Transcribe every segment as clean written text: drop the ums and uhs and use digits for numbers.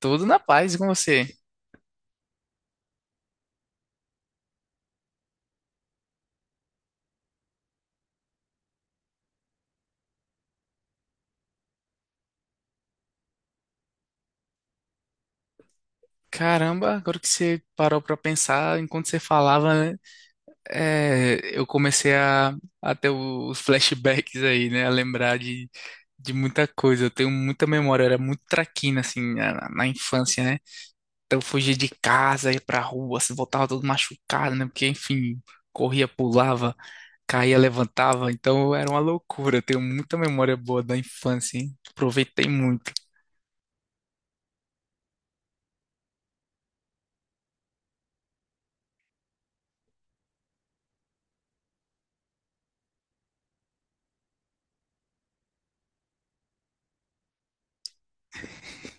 Tudo na paz e com você. Caramba, agora que você parou pra pensar, enquanto você falava, né, eu comecei a ter os flashbacks aí, né? A lembrar de muita coisa. Eu tenho muita memória, eu era muito traquina, assim, na infância, né? Então eu fugia de casa, ia pra rua, se voltava todo machucado, né? Porque, enfim, corria, pulava, caía, levantava. Então era uma loucura. Eu tenho muita memória boa da infância, hein? Aproveitei muito.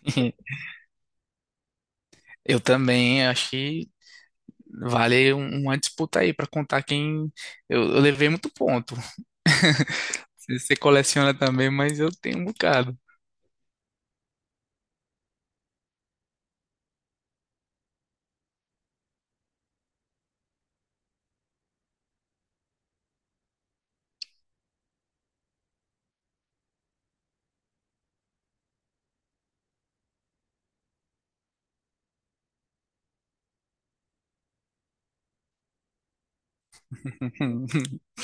Eu também, acho que uma disputa aí pra contar quem. Eu levei muito ponto. Você coleciona também, mas eu tenho um bocado.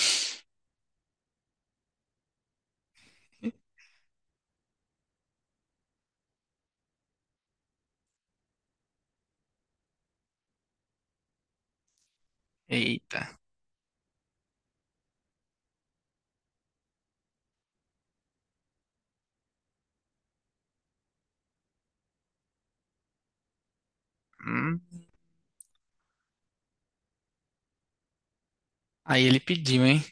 Eita. Hum. Aí ele pediu, hein?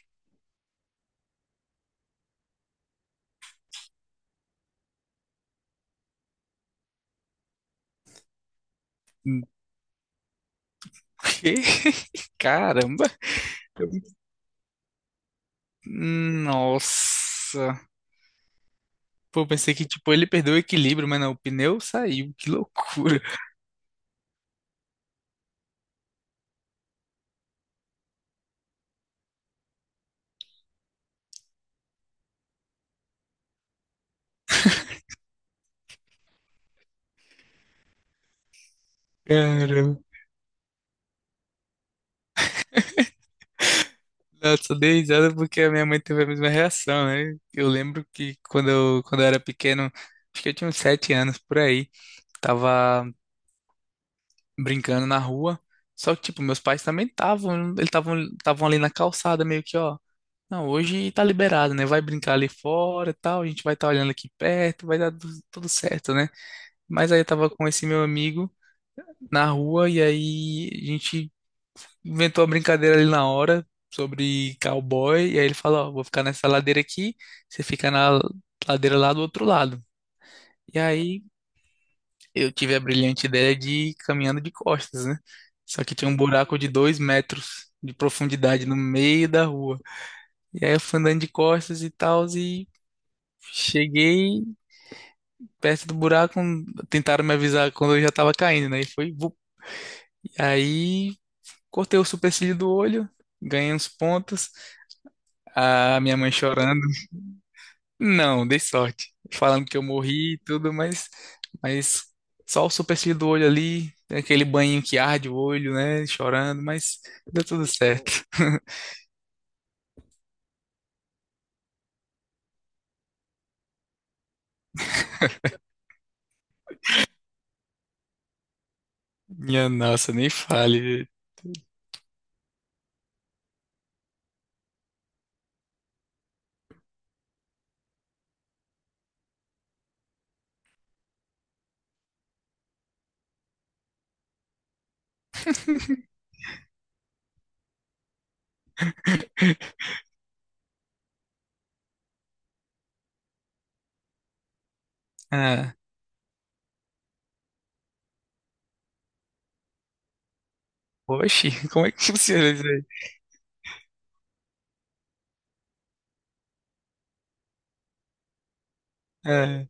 Que? Caramba. Eu- Nossa. Pô, pensei que tipo ele perdeu o equilíbrio, mas não, o pneu saiu. Que loucura. Caramba. Não, eu só dei risada porque a minha mãe teve a mesma reação, né? Eu lembro que quando eu era pequeno, acho que eu tinha uns 7 anos por aí, tava brincando na rua. Só que, tipo, meus pais também estavam, eles estavam ali na calçada, meio que, ó. Não, hoje tá liberado, né? Vai brincar ali fora e tal, a gente vai estar olhando aqui perto, vai dar tudo certo, né? Mas aí eu tava com esse meu amigo na rua e aí a gente inventou uma brincadeira ali na hora sobre cowboy, e aí ele fala, ó, vou ficar nessa ladeira aqui, você fica na ladeira lá do outro lado. E aí eu tive a brilhante ideia de ir caminhando de costas, né? Só que tinha um buraco de 2 metros de profundidade no meio da rua. E aí eu fui andando de costas e tal, e cheguei perto do buraco, tentaram me avisar quando eu já tava caindo, né? E foi, vup. E aí cortei o supercílio do olho, ganhei uns pontos, a minha mãe chorando. Não, dei sorte. Falando que eu morri e tudo, mas só o supercílio do olho ali, tem aquele banho que arde o olho, né? Chorando, mas deu tudo certo. Minha nossa, nem fale. Ah, oxe, como é que funciona isso aí? É,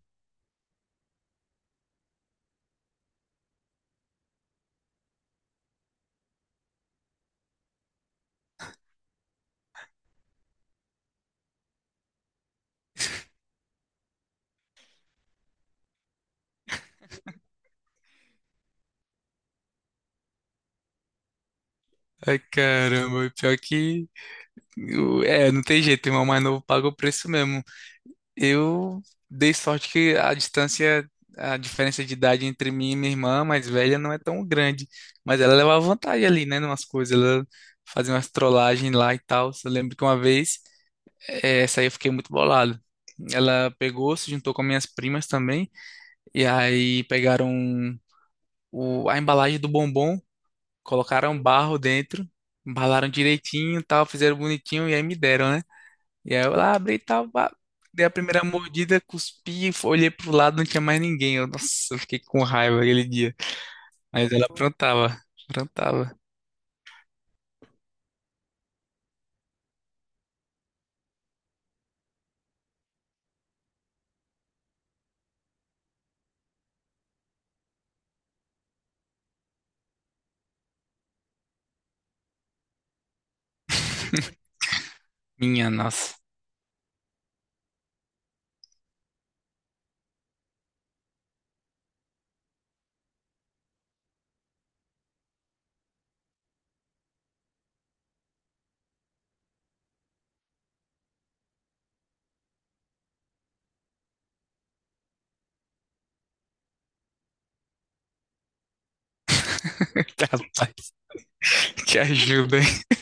ai, caramba, pior que. É, não tem jeito, o irmão mais novo paga o preço mesmo. Eu dei sorte que a distância, a diferença de idade entre mim e minha irmã mais velha não é tão grande, mas ela levava vantagem ali, né, numas coisas, ela fazia umas trollagens lá e tal. Eu lembro que uma vez, essa aí eu fiquei muito bolado. Ela pegou, se juntou com minhas primas também, e aí pegaram a embalagem do bombom, colocaram um barro dentro, embalaram direitinho, e tal, fizeram bonitinho e aí me deram, né? E aí eu lá abri e tal, pá, dei a primeira mordida, cuspi, olhei pro lado, não tinha mais ninguém. Eu, nossa, eu fiquei com raiva aquele dia. Mas ela aprontava, aprontava. Minha nossa. Rapaz, te ajuda, hein?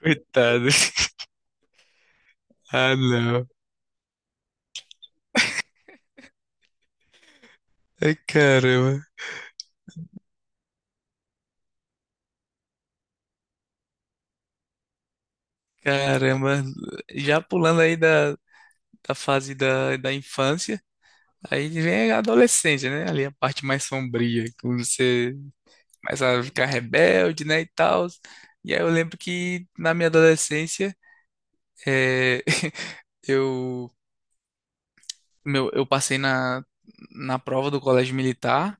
Coitado. Ah, não. Ai, caramba. Caramba. Já pulando aí da, da fase da infância, aí vem a adolescência, né? Ali a parte mais sombria, quando você mas a ficar rebelde, né, e tal. E aí eu lembro que na minha adolescência, eh, eu, eu passei na prova do colégio militar.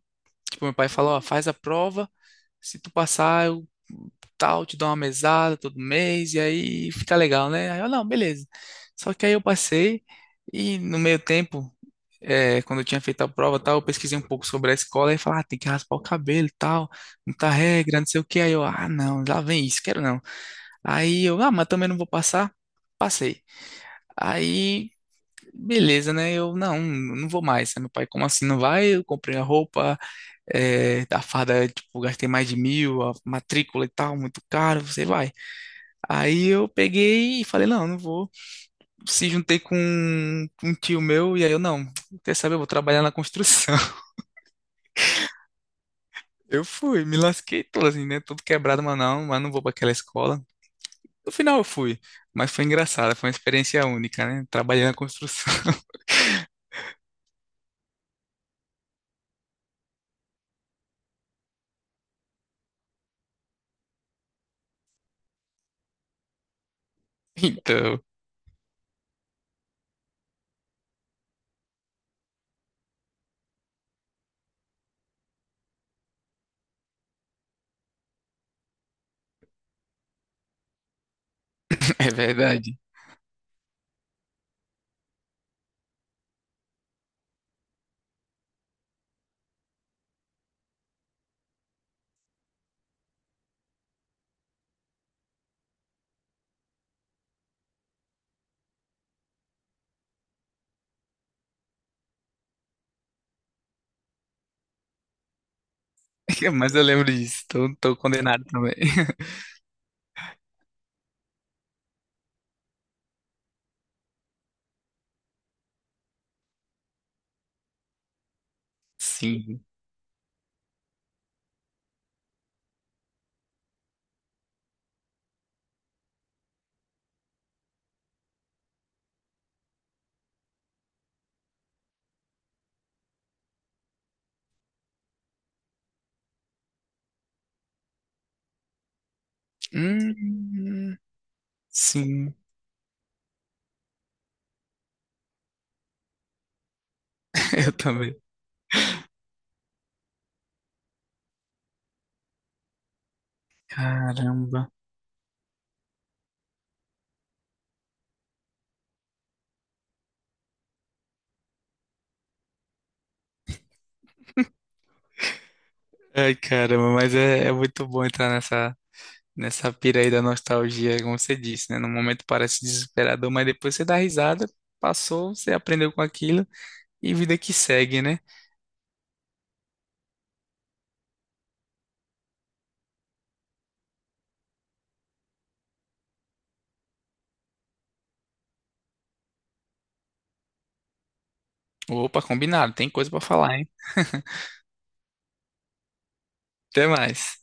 Tipo, meu pai falou, ó, faz a prova, se tu passar, eu tal, te dou uma mesada todo mês, e aí fica legal, né? Aí eu, não, beleza. Só que aí eu passei, e no meio tempo, quando eu tinha feito a prova, tal, eu pesquisei um pouco sobre a escola, e falei, ah, tem que raspar o cabelo, e tal, muita regra, não sei o que. Aí eu, ah, não, lá vem isso, quero não. Aí eu, ah, mas também não vou passar. Passei. Aí, beleza, né? Eu, não, não vou mais. Aí meu pai, como assim não vai? Eu comprei a roupa, a farda, tipo, gastei mais de 1.000, a matrícula e tal, muito caro, você vai. Aí eu peguei e falei, não, não vou. Se juntei com um tio meu, e aí eu, não, quer saber, eu vou trabalhar na construção. Eu fui, me lasquei todo assim, né? Tudo quebrado, mas não vou pra aquela escola. No final eu fui, mas foi engraçado, foi uma experiência única, né? Trabalhei na construção. Então, é verdade. Mas eu lembro disso. Tô condenado também. Sim. Hum, sim, eu também. Caramba. Ai, caramba, mas é, muito bom entrar nessa pira aí da nostalgia, como você disse, né? No momento parece desesperador, mas depois você dá risada, passou, você aprendeu com aquilo e vida que segue, né? Opa, combinado, tem coisa pra falar, hein? Até mais.